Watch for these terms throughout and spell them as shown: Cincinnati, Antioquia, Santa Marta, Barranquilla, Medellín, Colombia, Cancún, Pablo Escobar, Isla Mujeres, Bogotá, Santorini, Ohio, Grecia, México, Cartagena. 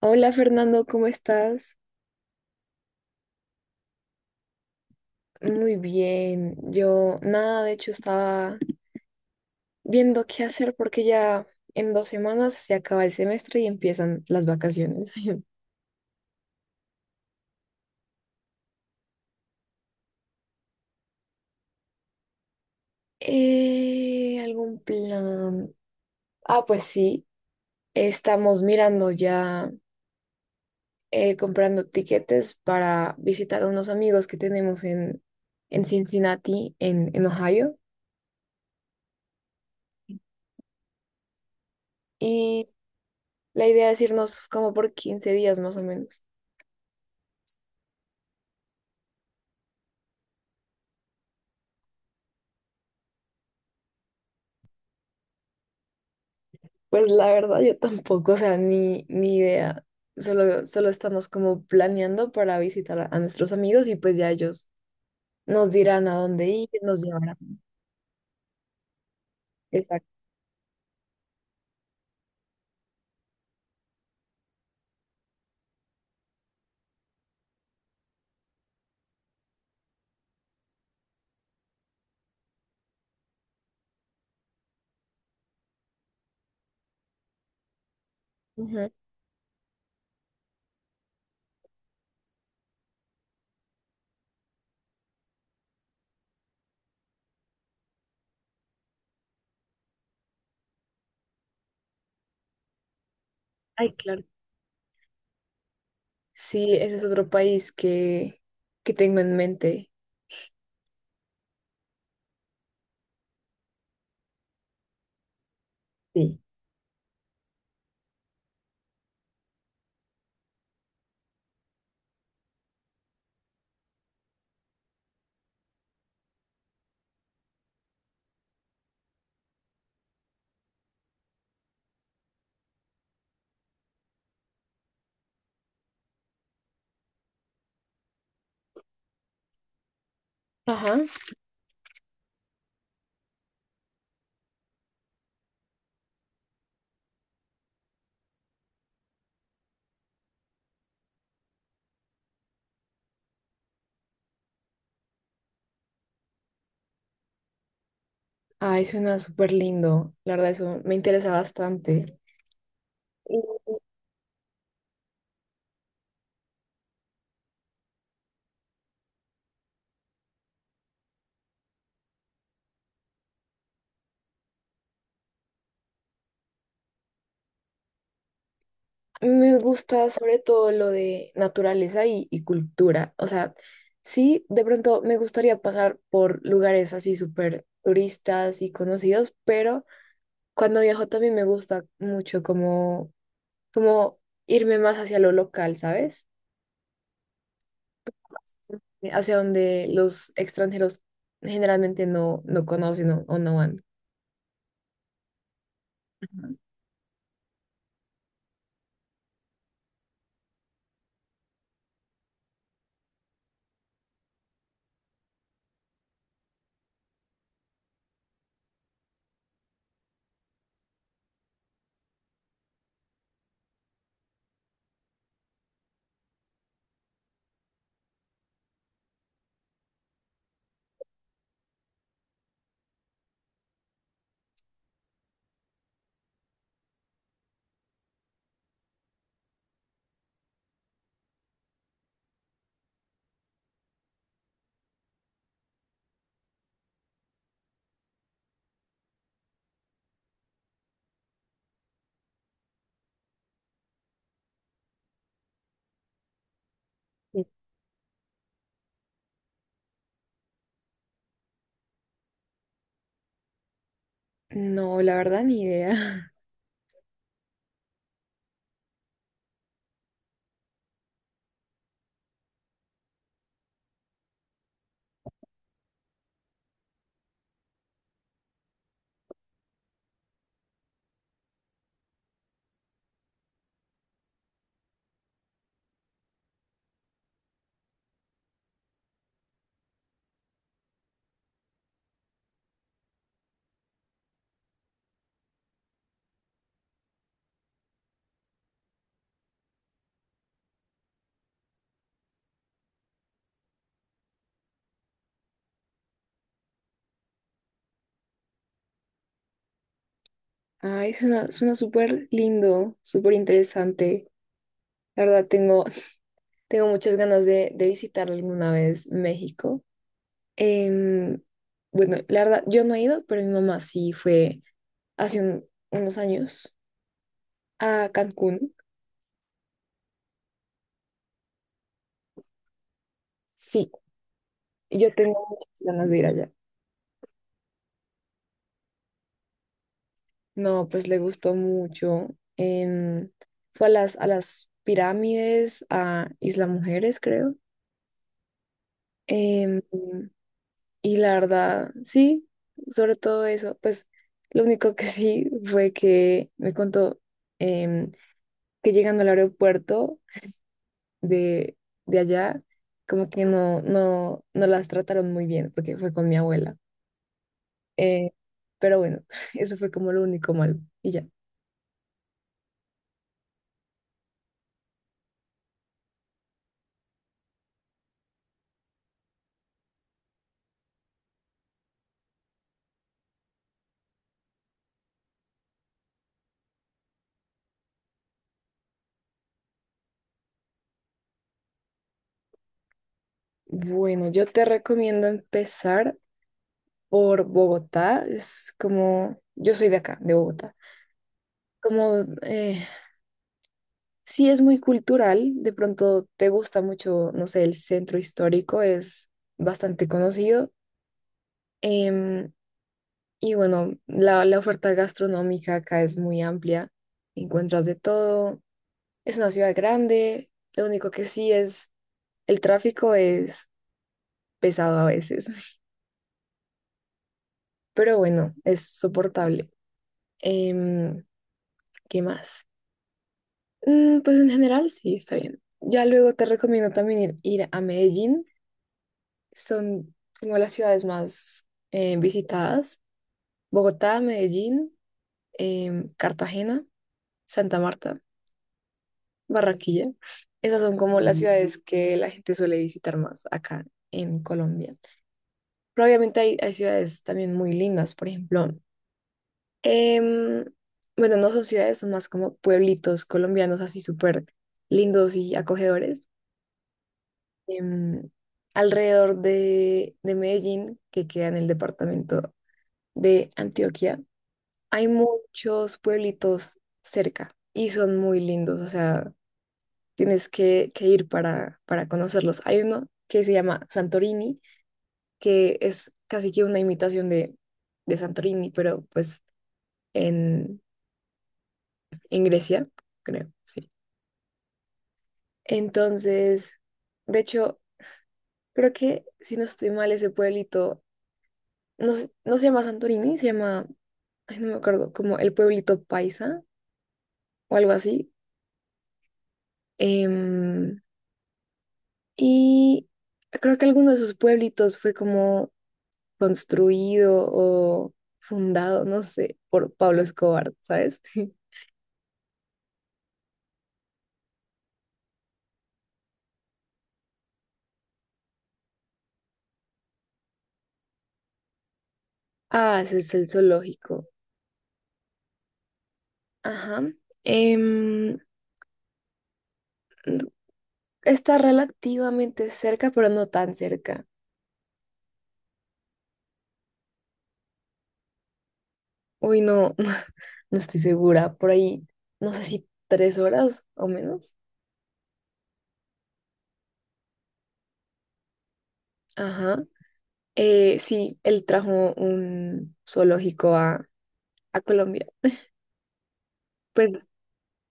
Hola Fernando, ¿cómo estás? Muy bien. Yo nada, de hecho estaba viendo qué hacer porque ya en 2 semanas se acaba el semestre y empiezan las vacaciones. ¿Algún plan? Ah, pues sí, estamos mirando ya, comprando tiquetes para visitar a unos amigos que tenemos en Cincinnati, en Ohio. Y la idea es irnos como por 15 días más o menos. Pues la verdad yo tampoco, o sea, ni idea. Solo estamos como planeando para visitar a nuestros amigos y pues ya ellos nos dirán a dónde ir, nos llevarán. Exacto. Ujú. Ay, claro. Sí, ese es otro país que tengo en mente. Sí. Ajá. Ay, suena súper lindo. La verdad, eso me interesa bastante. Me gusta sobre todo lo de naturaleza y cultura. O sea, sí, de pronto me gustaría pasar por lugares así súper turistas y conocidos, pero cuando viajo también me gusta mucho como irme más hacia lo local, ¿sabes? Hacia donde los extranjeros generalmente no conocen o no van. Ujú. No, la verdad, ni idea. Ay, suena súper lindo, súper interesante. La verdad, tengo muchas ganas de visitar alguna vez México. Em, bueno, la verdad, yo no he ido, pero mi mamá sí fue hace un- unos años a Cancún. Sí, yo tengo muchas ganas de ir allá. No, pues le gustó mucho. Em, Fue a a las pirámides, a Isla Mujeres, creo. Em, y la verdad, sí, sobre todo eso, pues lo único que sí fue que me contó, em, que llegando al aeropuerto de, de allá, como que no las trataron muy bien porque fue con mi abuela. Eh, pero bueno, eso fue como lo único malo. Y ya. Bueno, yo te recomiendo empezar por Bogotá. Es como, yo soy de acá, de Bogotá. Como, eh, sí es muy cultural, de pronto te gusta mucho, no sé, el centro histórico es bastante conocido. Em, Y bueno, la oferta gastronómica acá es muy amplia, encuentras de todo, es una ciudad grande, lo único que sí es, el tráfico es pesado a veces, pero bueno, es soportable. Em, ¿Qué más? Mm, pues en general sí, está bien. Ya luego te recomiendo también ir a Medellín, son como las ciudades más visitadas, Bogotá, Medellín, Cartagena, Santa Marta. Barranquilla. Esas son como las ciudades que la gente suele visitar más acá en Colombia. Pero obviamente hay ciudades también muy lindas, por ejemplo. em, bueno, no son ciudades, son más como pueblitos colombianos así súper lindos y acogedores. em, Alrededor de Medellín, que queda en el departamento de Antioquia, hay muchos pueblitos cerca y son muy lindos, o sea tienes que ir para conocerlos. Hay uno que se llama Santorini, que es casi que una imitación de Santorini, pero pues en, en Grecia, creo, sí. Entonces, de hecho, creo que si no estoy mal, ese pueblito no se llama Santorini, se llama, ay, no me acuerdo, como el pueblito Paisa o algo así. Em, y creo que alguno de esos pueblitos fue como construido o fundado, no sé, por Pablo Escobar, ¿sabes? Ah, ese es el zoológico. Ajá. Em, Está relativamente cerca, pero no tan cerca. Uy, no, no estoy segura. Por ahí, no sé si 3 horas o menos. Ajá. Sí, él trajo un zoológico a Colombia. Pues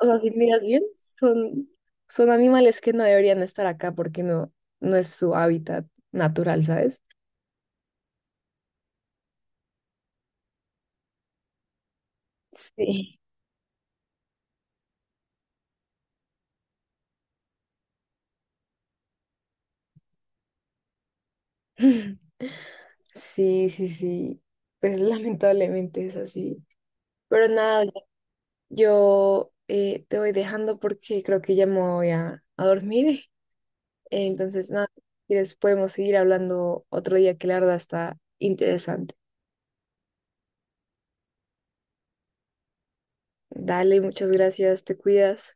O sea, si miras bien, son, son animales que no deberían estar acá porque no es su hábitat natural, ¿sabes? Sí. Sí, sí, sí. Pues lamentablemente es así. Pero nada, yo te voy dejando porque creo que ya me voy a dormir. Entonces, nada, si quieres podemos seguir hablando otro día que la verdad está interesante. Dale, muchas gracias, te cuidas.